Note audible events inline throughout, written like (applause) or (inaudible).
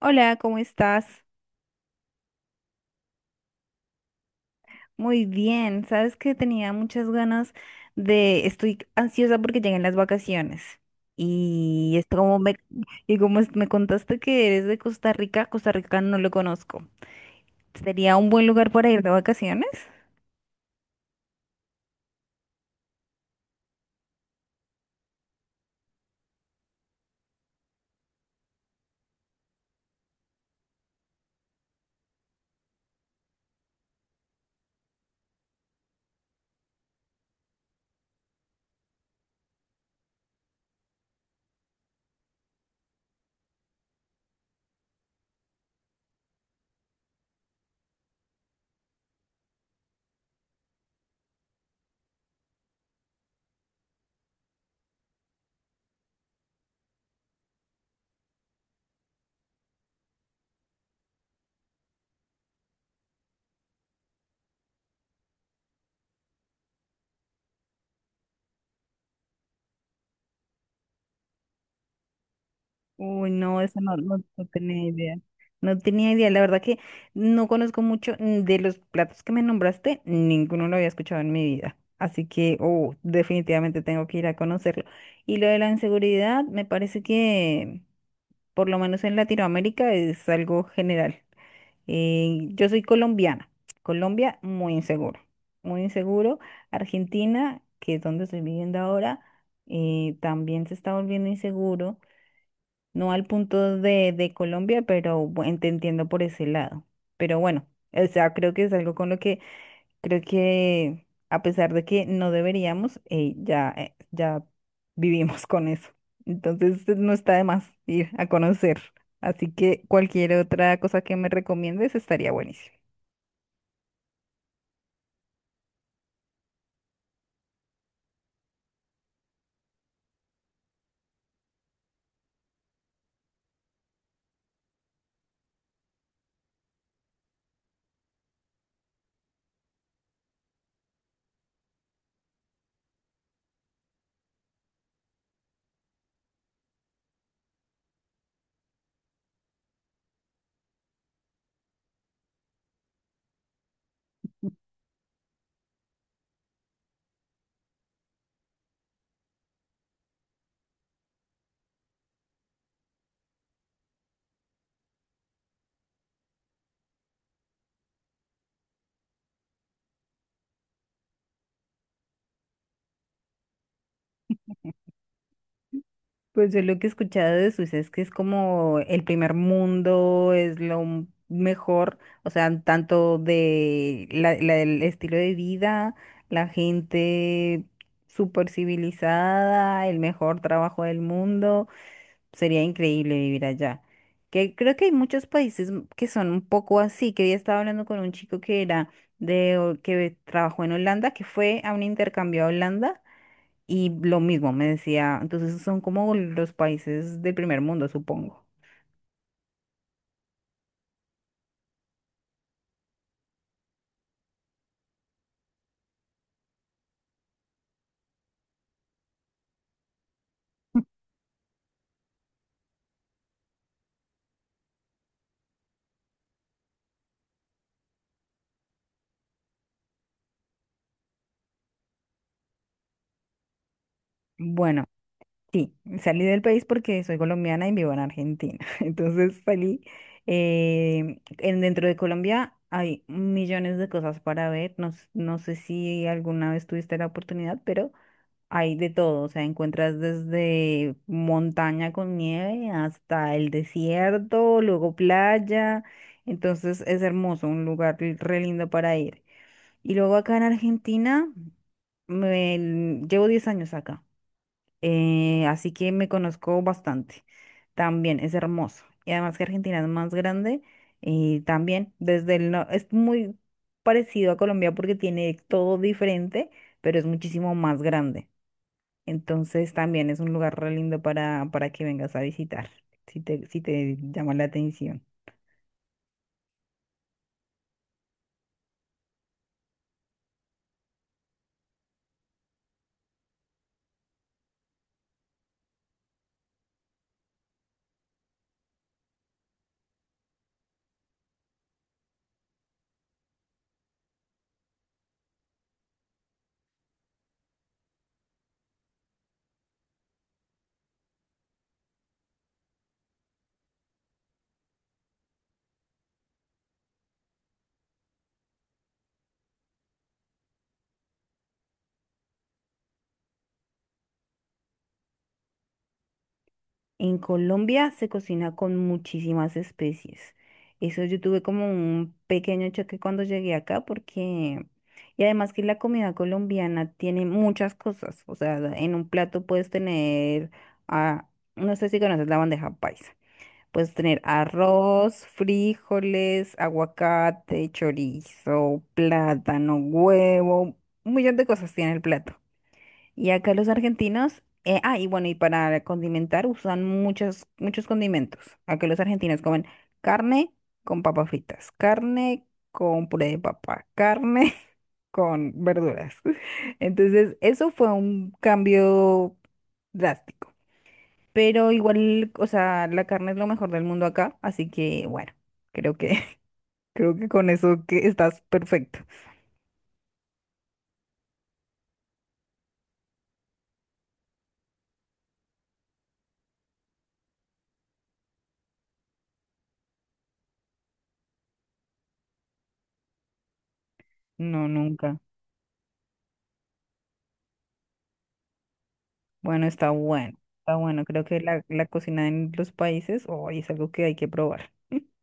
Hola, ¿cómo estás? Muy bien. Sabes que tenía muchas ganas estoy ansiosa porque llegan las vacaciones. Y es como me, y como es- Me contaste que eres de Costa Rica, Costa Rica no lo conozco. ¿Sería un buen lugar para ir de vacaciones? Uy, no, eso no, no, no tenía idea. No tenía idea. La verdad que no conozco mucho de los platos que me nombraste, ninguno lo había escuchado en mi vida. Así que, oh, definitivamente tengo que ir a conocerlo. Y lo de la inseguridad, me parece que, por lo menos en Latinoamérica, es algo general. Yo soy colombiana. Colombia, muy inseguro. Muy inseguro. Argentina, que es donde estoy viviendo ahora, también se está volviendo inseguro no al punto de Colombia, pero bueno, te entiendo por ese lado. Pero bueno, o sea, creo que es algo con lo que creo que a pesar de que no deberíamos, ya vivimos (laughs) con eso. Entonces no está de más ir a conocer. Así que cualquier otra cosa que me recomiendes estaría buenísimo. Pues yo lo que he escuchado de Suiza es que es como el primer mundo, es mejor, o sea, tanto de el estilo de vida, la gente súper civilizada, el mejor trabajo del mundo, sería increíble vivir allá. Que creo que hay muchos que son un poco así, que había estado hablando con un chico que era que trabajó en Holanda, que fue a un intercambio a Holanda y lo mismo me decía, entonces son como los países del primer mundo, supongo. Bueno, sí, salí del país porque soy colombiana y vivo en Argentina. (laughs) Entonces salí, dentro de Colombia hay millones de cosas para ver. No sé si alguna vez tuviste la oportunidad, pero hay de todo. O sea, encuentras desde montaña con nieve hasta el desierto, luego playa. Entonces es hermoso, un lugar re lindo para ir. Y luego acá en Argentina, llevo 10 años acá, así que me conozco bastante. También es hermoso. Y además que Argentina es más grande y también desde el no, es muy parecido a Colombia porque tiene todo diferente, pero es muchísimo más grande. Entonces también es un lugar re lindo para que vengas a visitar, si te llama la atención. En Colombia se cocina con muchísimas especies. Eso yo tuve como un pequeño choque cuando llegué acá porque... Y además que la comida colombiana tiene muchas cosas. O sea, en un plato puedes tener... ah, no sé si conoces la bandeja paisa. Puedes tener arroz, frijoles, aguacate, chorizo, plátano, huevo. Un millón de cosas tiene el plato. Y acá los argentinos, y bueno, y para condimentar usan muchos condimentos. Acá los argentinos comen carne con papas fritas, carne con puré de papa, carne (laughs) con verduras. (laughs) Entonces, eso fue un cambio drástico. Pero igual, o sea, la carne es lo mejor del mundo acá, así que bueno, creo que, (laughs) creo que con eso que estás perfecto. No, nunca. Bueno, está bueno, está bueno. Creo que la cocina en los países hoy es algo que hay que probar. (laughs)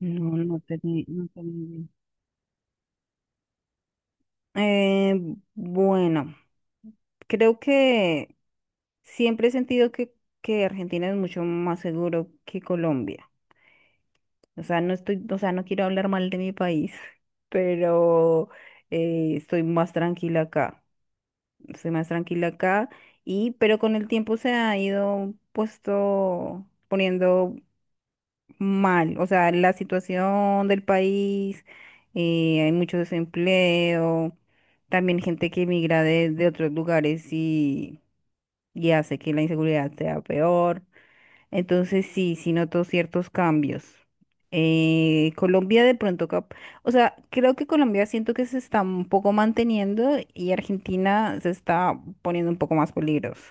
No tenía idea. Bueno, creo que siempre he sentido que Argentina es mucho más seguro que Colombia. O sea, no estoy, o sea, no quiero hablar mal de mi país, (laughs) pero estoy más tranquila acá. Estoy más tranquila acá y, pero con el tiempo se ha ido poniendo mal, o sea, la situación del país, hay mucho desempleo, también gente que emigra de otros lugares y hace que la inseguridad sea peor. Entonces sí, sí noto ciertos cambios. Colombia de pronto, o sea, creo que Colombia siento que se está un poco manteniendo y Argentina se está poniendo un poco más peligroso.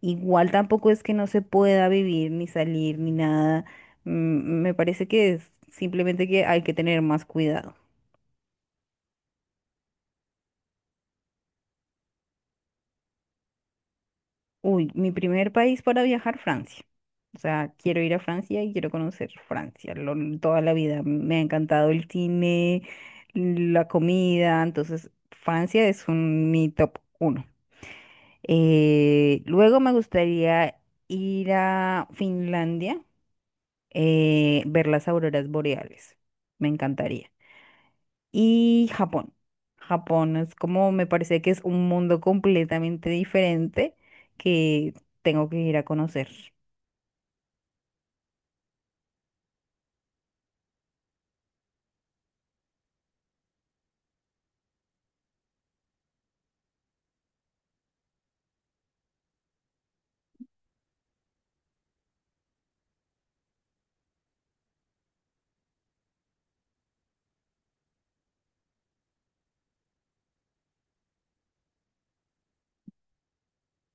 Igual tampoco es que no se pueda vivir ni salir ni nada. Me parece que es simplemente que hay que tener más cuidado. Uy, mi primer país para viajar, Francia. O sea, quiero ir a Francia y quiero conocer toda la vida. Me ha encantado el cine, la comida, entonces Francia es mi top uno. Luego me gustaría ir a Finlandia, ver las auroras boreales. Me encantaría. Y Japón. Japón es como, me parece que es un mundo completamente diferente que tengo que ir a conocer.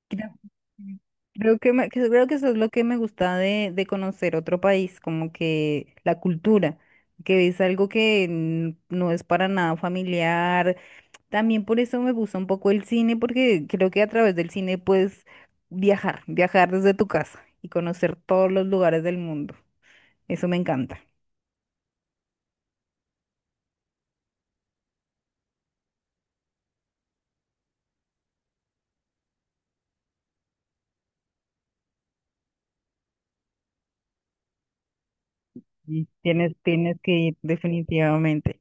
Creo creo que, creo que eso es lo que me gusta de conocer otro país, como que la cultura, que es algo que no es para nada familiar. También por eso me gusta un poco el cine, porque creo que a través del cine puedes viajar desde tu casa y conocer todos los lugares del mundo. Eso me encanta. Y tienes que ir definitivamente.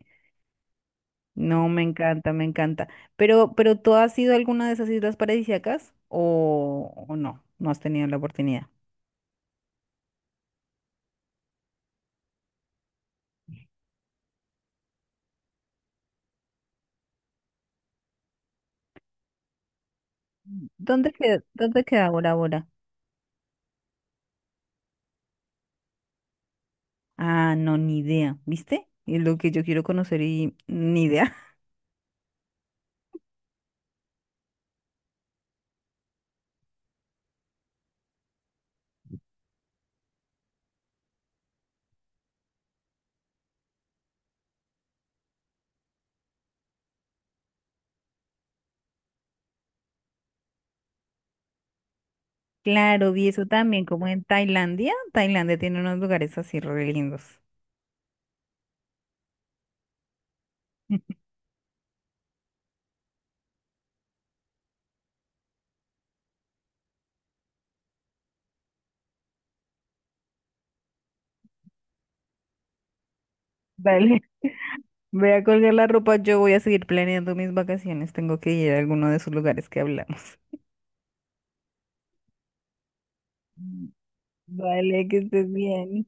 No, me encanta, me encanta. Pero ¿tú has ido a alguna de esas islas paradisíacas o no? No has tenido la oportunidad. Dónde queda Bora Bora? Ah, no, ni idea, ¿viste? Es lo que yo quiero conocer y ni idea. (laughs) Claro, vi eso también, como en Tailandia. Tailandia tiene unos lugares así re lindos. (laughs) Dale, voy a colgar la ropa, yo voy a seguir planeando mis vacaciones. Tengo que ir a alguno de esos lugares que hablamos. (laughs) Vale, que estés bien.